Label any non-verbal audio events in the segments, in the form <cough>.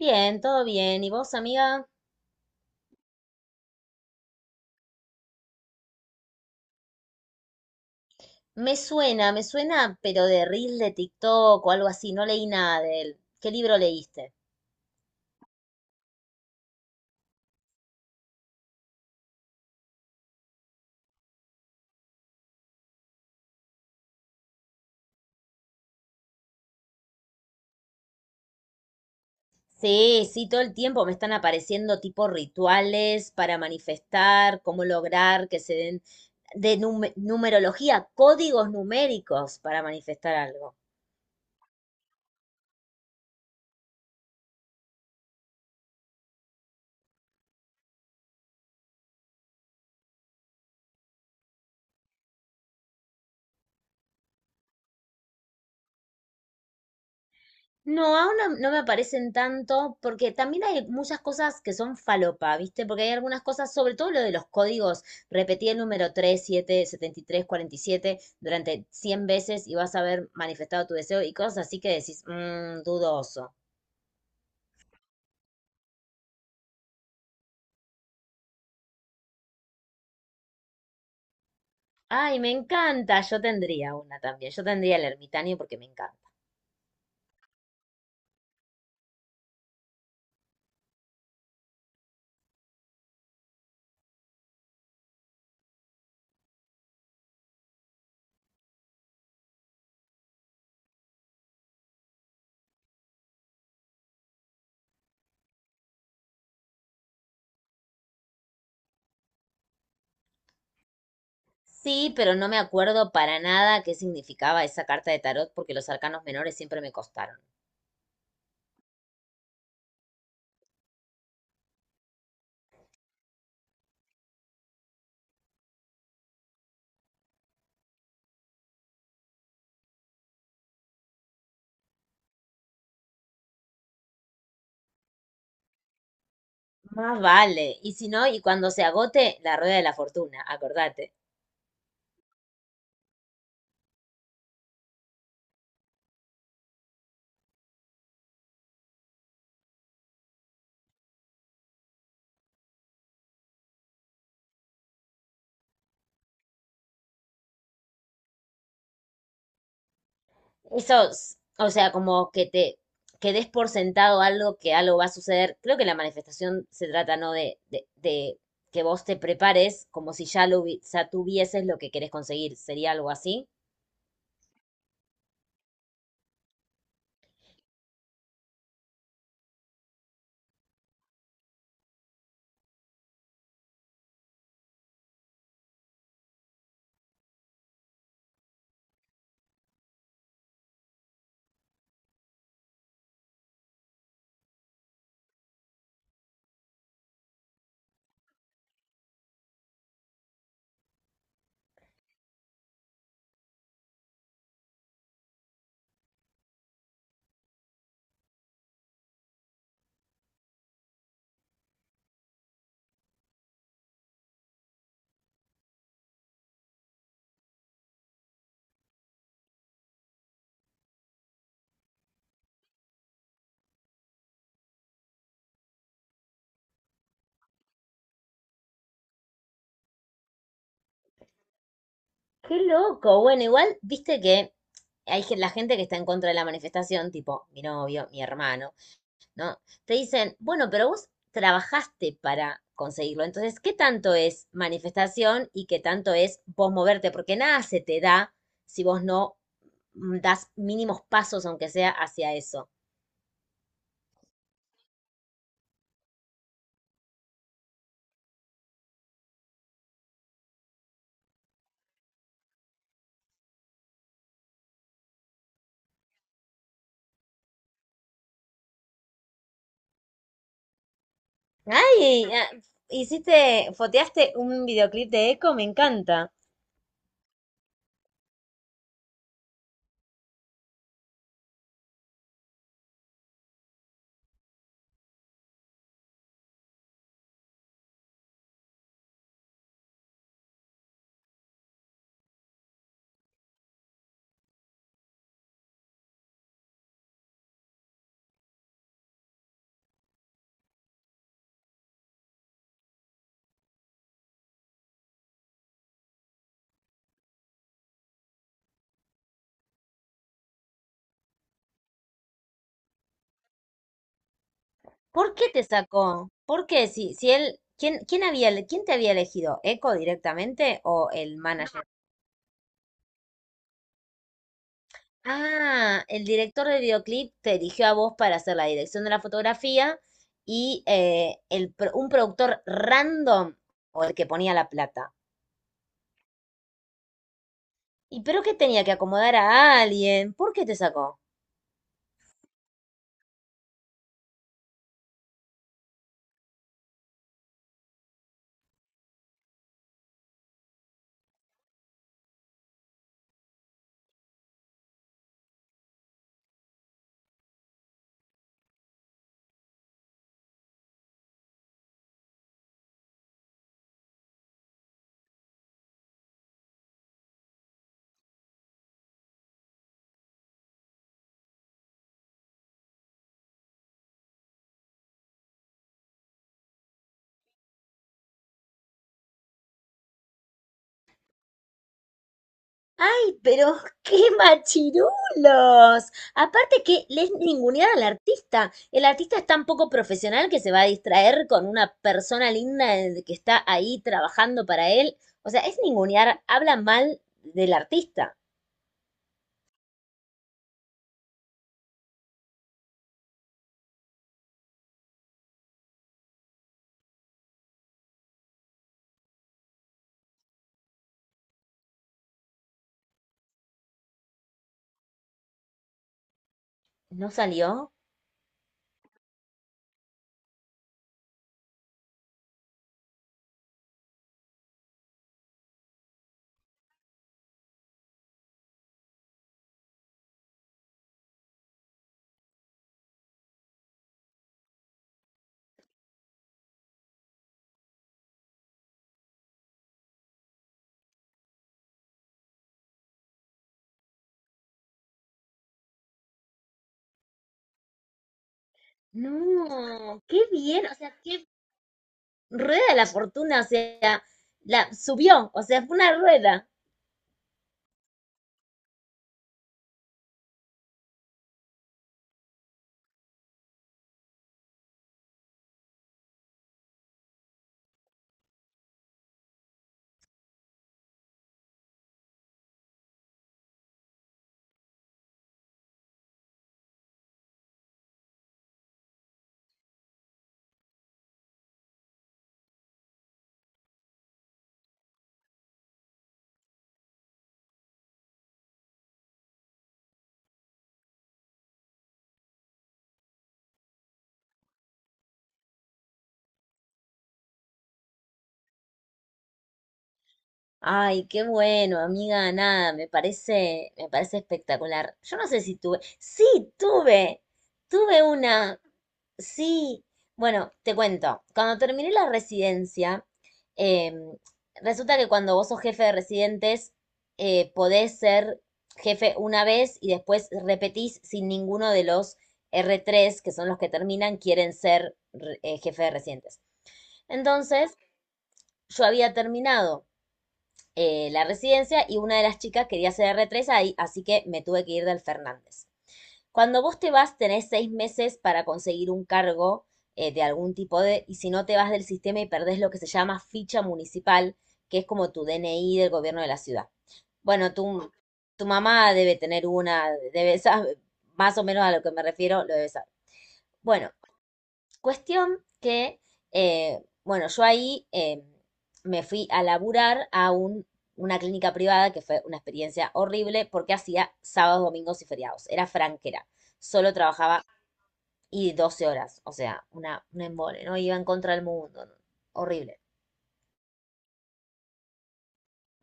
Bien, todo bien. ¿Y vos, amiga? Me suena, pero de Reels de TikTok o algo así. No leí nada de él. ¿Qué libro leíste? Sí, sí, todo el tiempo me están apareciendo tipo rituales para manifestar, cómo lograr que se den de numerología, códigos numéricos para manifestar algo. No, aún no, no me aparecen tanto, porque también hay muchas cosas que son falopa, ¿viste? Porque hay algunas cosas, sobre todo lo de los códigos, repetí el número tres siete setenta y tres cuarenta y siete durante 100 veces y vas a haber manifestado tu deseo y cosas así que decís, dudoso. Ay, me encanta, yo tendría una también, yo tendría el ermitaño porque me encanta. Sí, pero no me acuerdo para nada qué significaba esa carta de tarot porque los arcanos menores siempre me costaron. Más vale. Y si no, y cuando se agote, la rueda de la fortuna, acordate. Eso, o sea, como que te que des por sentado algo, que algo va a suceder. Creo que la manifestación se trata, ¿no? De que vos te prepares como si ya tuvieses lo que querés conseguir. Sería algo así. Qué loco. Bueno, igual, viste que hay la gente que está en contra de la manifestación, tipo mi novio, mi hermano. ¿No? Te dicen, bueno, pero vos trabajaste para conseguirlo. Entonces, ¿qué tanto es manifestación y qué tanto es vos moverte? Porque nada se te da si vos no das mínimos pasos, aunque sea hacia eso. Ay, ah, hiciste, foteaste un videoclip de Eco, me encanta. ¿Por qué te sacó? ¿Por qué? Si, si él, ¿quién, quién había, quién te había elegido? ¿Eco directamente o el manager? Ah, el director del videoclip te eligió a vos para hacer la dirección de la fotografía y un productor random o el que ponía la plata. ¿Y pero que tenía que acomodar a alguien? ¿Por qué te sacó? ¡Ay, pero <laughs> qué machirulos! Aparte que les ningunear al artista. El artista es tan poco profesional que se va a distraer con una persona linda que está ahí trabajando para él. O sea, es ningunear, habla mal del artista. ¿No salió? No, qué bien, o sea, qué rueda de la fortuna, o sea, la subió, o sea, fue una rueda. Ay, qué bueno, amiga, nada, me parece espectacular. Yo no sé si tuve, sí, tuve, tuve una, sí, bueno, te cuento. Cuando terminé la residencia, em, resulta que cuando vos sos jefe de residentes, podés ser jefe una vez y después repetís si ninguno de los R3 que son los que terminan, quieren ser jefe de residentes. Entonces, yo había terminado la residencia y una de las chicas quería ser R3 ahí, así que me tuve que ir del Fernández. Cuando vos te vas, tenés 6 meses para conseguir un cargo de algún tipo de, y si no te vas del sistema y perdés lo que se llama ficha municipal, que es como tu DNI del gobierno de la ciudad. Bueno, tu mamá debe tener una, debe saber, más o menos a lo que me refiero, lo debe saber. Bueno, cuestión que, bueno, yo ahí me fui a laburar a una clínica privada que fue una experiencia horrible porque hacía sábados, domingos y feriados. Era franquera. Solo trabajaba y 12 horas. O sea, un embole, ¿no? Iba en contra del mundo. ¿No? Horrible.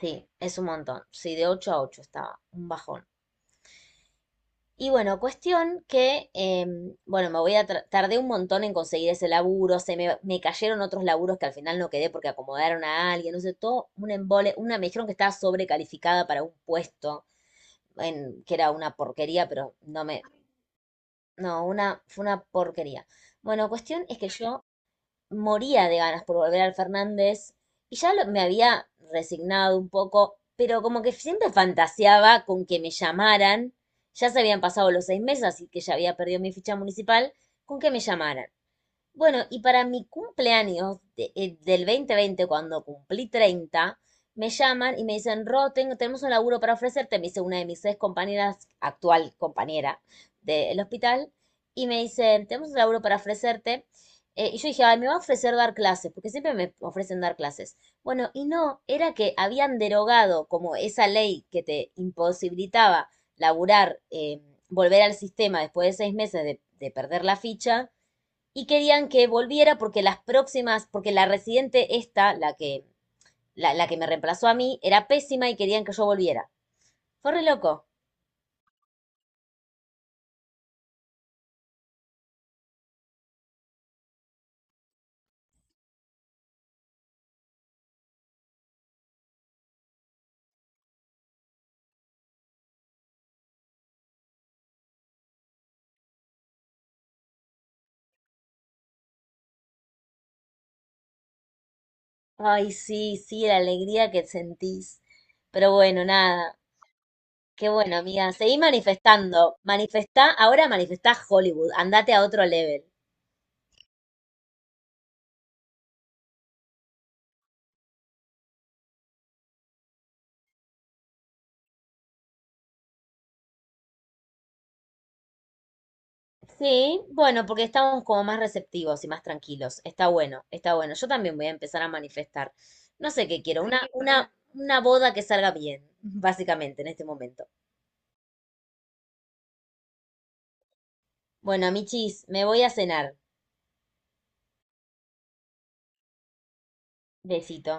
Sí, es un montón. Sí, de 8 a 8 estaba. Un bajón. Y bueno, cuestión que, bueno, me voy a tra- tardé un montón en conseguir ese laburo, se me cayeron otros laburos que al final no quedé porque acomodaron a alguien, no sé, todo un embole, una me dijeron que estaba sobrecalificada para un puesto, en, que era una porquería, pero no me, no, una, fue una porquería. Bueno, cuestión es que yo moría de ganas por volver al Fernández y me había resignado un poco, pero como que siempre fantaseaba con que me llamaran, ya se habían pasado los 6 meses, así que ya había perdido mi ficha municipal, con que me llamaran. Bueno, y para mi cumpleaños del 2020, cuando cumplí 30, me llaman y me dicen, Ro, tenemos un laburo para ofrecerte, me dice una de mis ex compañeras, actual compañera del hospital, y me dicen, tenemos un laburo para ofrecerte. Y yo dije, ay, me va a ofrecer dar clases, porque siempre me ofrecen dar clases. Bueno, y no, era que habían derogado como esa ley que te imposibilitaba laburar, volver al sistema después de 6 meses de perder la ficha y querían que volviera porque las próximas, porque la residente esta, la que, la que me reemplazó a mí, era pésima y querían que yo volviera. Fue re loco. Ay, sí, sí, la alegría que sentís. Pero bueno, nada. Qué bueno, amiga. Seguí manifestando. Manifestá, ahora manifestá Hollywood. Andate a otro level. Sí, bueno, porque estamos como más receptivos y más tranquilos. Está bueno, está bueno. Yo también voy a empezar a manifestar. No sé qué quiero, una boda que salga bien, básicamente, en este momento. Bueno, michis, me voy a cenar. Besito.